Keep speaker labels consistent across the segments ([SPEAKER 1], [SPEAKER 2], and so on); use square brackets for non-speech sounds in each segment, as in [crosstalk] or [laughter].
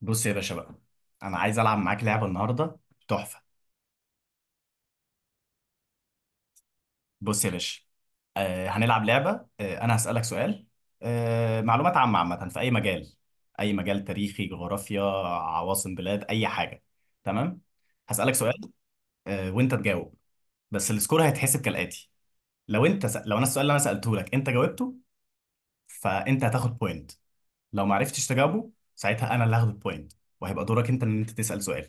[SPEAKER 1] بص يا باشا بقى. انا عايز العب معاك لعبه النهارده، تحفه. بص يا باشا، هنلعب لعبه. انا هسالك سؤال. معلومات عامه، عامه في اي مجال. اي مجال تاريخي، جغرافيا، عواصم بلاد، اي حاجه. تمام. هسالك سؤال وانت تجاوب. بس السكور هيتحسب كالاتي: لو انا السؤال اللي انا سالته لك انت جاوبته، فانت هتاخد بوينت. لو ما عرفتش تجاوبه، ساعتها انا اللي هاخد البوينت. وهيبقى دورك انت ان انت تسال سؤال.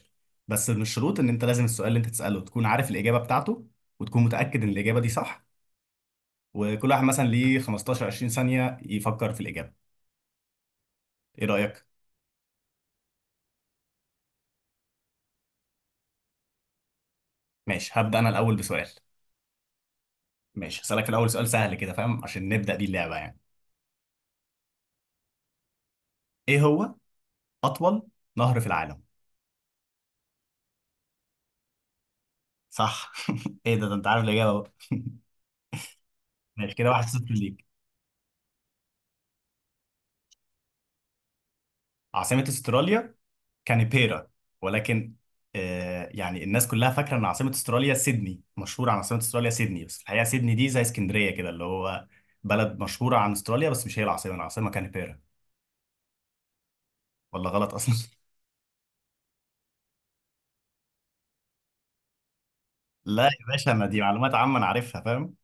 [SPEAKER 1] بس من الشروط ان انت لازم السؤال اللي انت تساله تكون عارف الاجابه بتاعته، وتكون متاكد ان الاجابه دي صح. وكل واحد مثلا ليه 15 20 ثانيه يفكر في الاجابه. ايه رايك؟ ماشي، هبدا انا الاول بسؤال. ماشي، هسالك في الاول سؤال سهل كده، فاهم، عشان نبدا بيه اللعبه يعني. ايه هو اطول نهر في العالم؟ صح. [laughs] ايه ده، انت عارف الاجابه بقى. ماشي كده 1-0 ليك. عاصمة استراليا كانبيرا. ولكن يعني الناس كلها فاكرة ان عاصمة استراليا سيدني، مشهورة عن عاصمة استراليا سيدني، بس الحقيقة سيدني دي زي اسكندرية كده، اللي هو بلد مشهورة عن استراليا بس مش هي العاصمة. العاصمة كانبيرا. ولا غلط اصلا؟ [laughs] لا يا باشا، ما دي معلومات عامة انا عارفها، فاهم.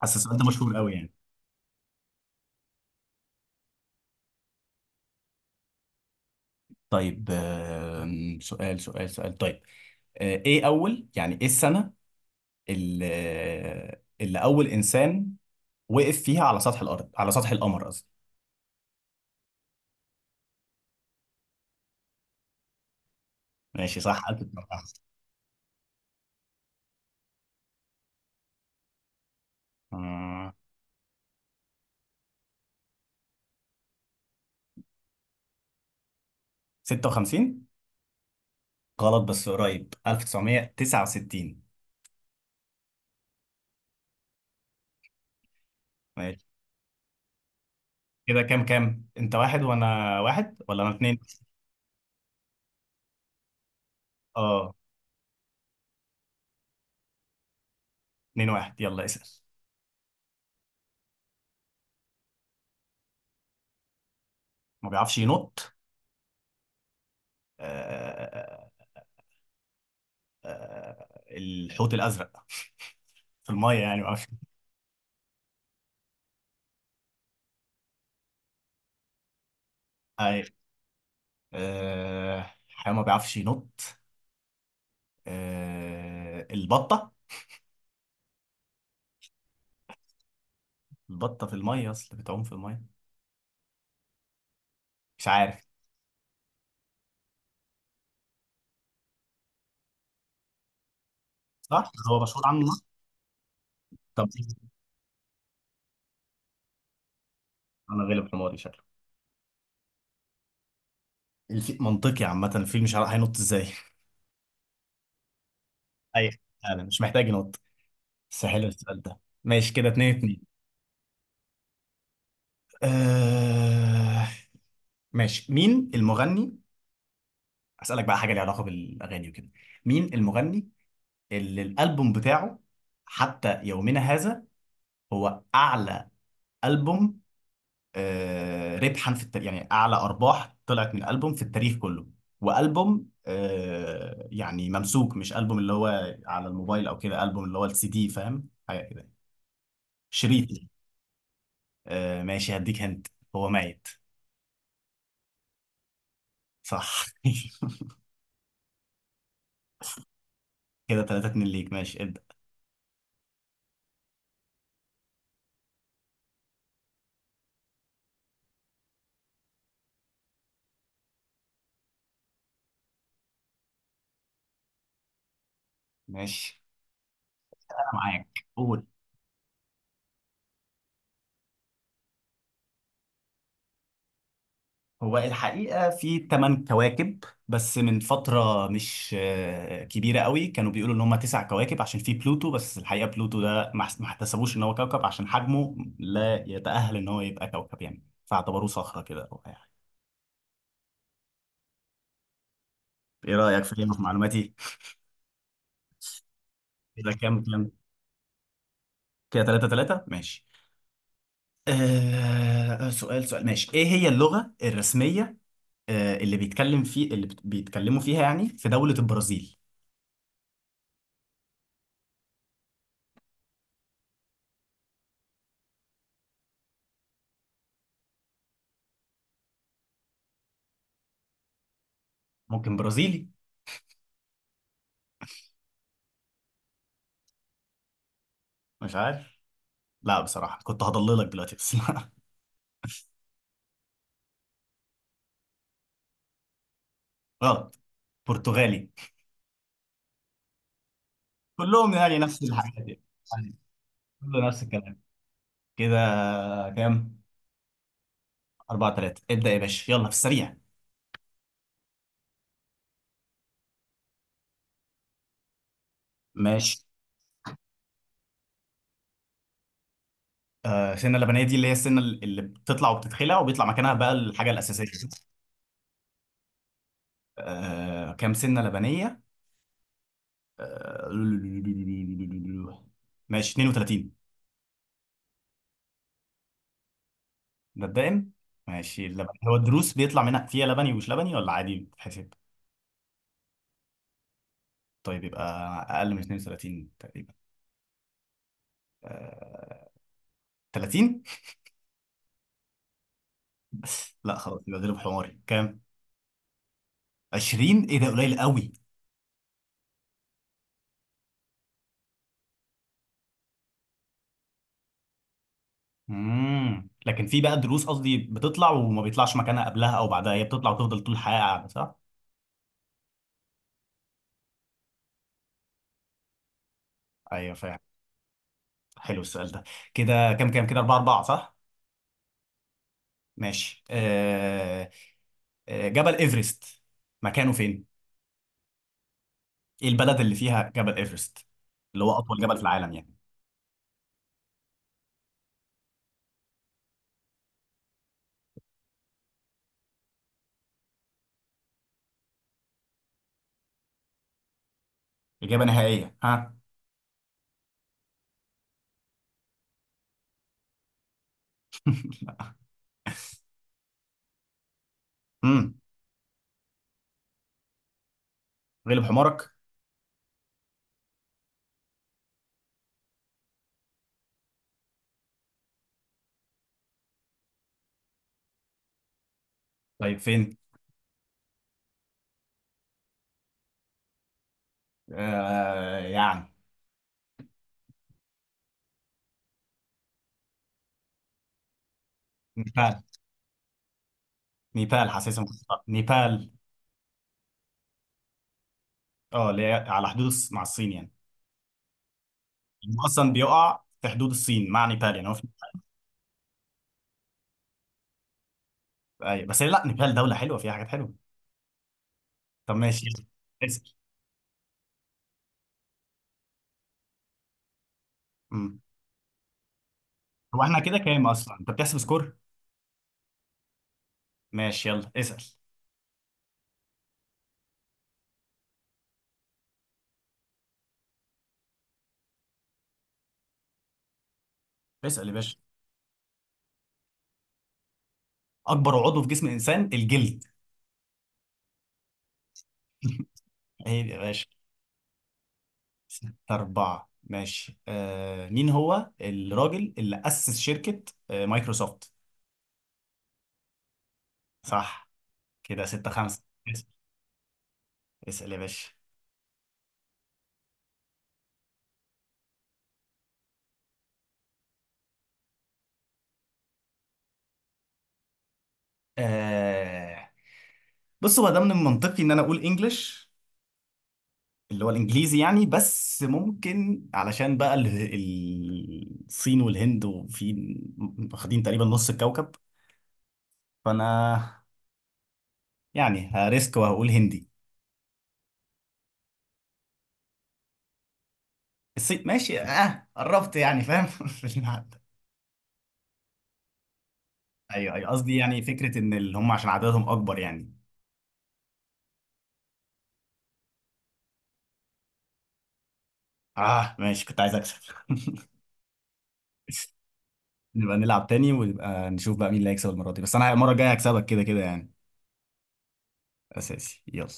[SPEAKER 1] حاسس السؤال ده مشهور قوي يعني. طيب، سؤال سؤال سؤال، طيب. ايه السنة اللي, اللي اول انسان وقف فيها على سطح الارض، على سطح القمر قصدي. ماشي صح. ألف وتسعمية. آه. 56. غلط بس قريب. 1969. ماشي كده كام كام؟ انت واحد وانا واحد ولا انا اتنين؟ اه. اتنين واحد يلا اسأل. ما بيعرفش ينط. آه آه الحوت الازرق. [laughs] في المية يعني ما بيعرفش. اي. حيوان ما بيعرفش ينط. البطة. البطة في المية اصل بتعوم في المية. مش عارف. صح، هو مشهور عنه ده؟ طب. انا غالب حماري شكلي. منطقي عامة، الفيل مش عارف هينط ازاي. ايوه. انا مش محتاج ينط. بس حلو السؤال ده. ماشي كده اتنين اتنين. آه... ماشي، مين المغني. اسألك بقى حاجة ليها علاقة بالأغاني وكده. مين المغني اللي الألبوم بتاعه حتى يومنا هذا هو أعلى ألبوم ربحا في التاريخ، يعني أعلى أرباح طلعت من ألبوم في التاريخ كله. وألبوم يعني ممسوك، مش ألبوم اللي هو على الموبايل أو كده، ألبوم اللي هو السي دي، فاهم حاجة كده، شريط. ماشي، هديك. هنت. هو ميت. صح. [laughs] كده تلاتة اتنين ليك. ماشي ابدأ. ماشي، أنا معاك، قول. هو الحقيقة في تمن كواكب. بس من فترة مش كبيرة قوي، كانوا بيقولوا إن هما تسع كواكب عشان في بلوتو. بس الحقيقة بلوتو ده ما احتسبوش إن هو كوكب عشان حجمه لا يتأهل إن هو يبقى كوكب يعني، فاعتبروه صخرة كده أو أي حاجة. إيه رأيك في معلوماتي؟ كده كام كام؟ كده تلاتة تلاتة ماشي. سؤال سؤال، ماشي. ايه هي اللغة الرسمية اللي بيتكلم في، بيتكلموا فيها يعني، في دولة البرازيل؟ ممكن برازيلي. مش عارف. لا بصراحة كنت هضللك دلوقتي بس [laughs] لا. غلط. برتغالي. كلهم يعني نفس الحاجات يعني. يعني كله نفس الكلام. كده كام؟ أربعة تلاتة. ابدأ يا باشا يلا في السريع. ماشي. السنة اللبنية دي اللي هي السنة اللي بتطلع وبتتخلع وبيطلع مكانها بقى الحاجة الأساسية. كام سنة لبنية؟ آه، ماشي 32. ده الدائم؟ ماشي. اللبن هو الدروس بيطلع منها فيها لبني ومش لبني ولا عادي بتتحسب؟ طيب يبقى اقل من 32 تقريبا. آه، 30. [laughs] لا خلاص، يبقى ضرب حماري. كام؟ 20؟ ايه ده قليل قوي. امم، لكن في بقى دروس قصدي بتطلع وما بيطلعش مكانها قبلها او بعدها، هي بتطلع وتفضل طول الحياه قاعده صح؟ ايوه فاهم. حلو السؤال ده. كده كام كام؟ كده 4 4 صح؟ ماشي، جبل ايفرست مكانه فين؟ ايه البلد اللي فيها جبل ايفرست؟ اللي هو اطول جبل في العالم يعني. اجابه نهائيه، ها؟ امم. غلب حمارك. طيب فين؟ يعني نيبال. نيبال حاسسها مخططة. نيبال. اه اللي هي على حدود مع الصين يعني. هو اصلا بيقع في حدود الصين مع نيبال يعني، هو في. أيوة. بس لا نيبال دوله حلوه فيها حاجات حلوه. طب ماشي يلا. اسال. امم. هو احنا كده كام اصلا؟ انت بتحسب سكور؟ ماشي يلا اسال. اسال يا باشا. اكبر عضو في جسم الانسان الجلد. [laughs] عيب يا باشا. ستة أربعة ماشي. مين هو الراجل اللي أسس شركة مايكروسوفت؟ صح. كده ستة خمسة اسأل. اسأل يا باشا. آه بص، هو ده من المنطقي إن أنا أقول إنجلش، اللي هو الإنجليزي يعني. بس ممكن علشان بقى الصين والهند وفي، واخدين تقريبا نص الكوكب. فأنا يعني هريسك وهقول هندي. الصين ماشي، اه قربت يعني فاهم. [laughs] في الميعاد. ايوه ايوه، قصدي يعني فكره ان اللي هم عشان عددهم اكبر يعني. اه ماشي، كنت عايز اكسب. [laughs] نبقى نلعب تاني، ونبقى نشوف بقى مين اللي هيكسب المره دي. بس انا المره الجايه هكسبك كده كده يعني. اساسي يلا.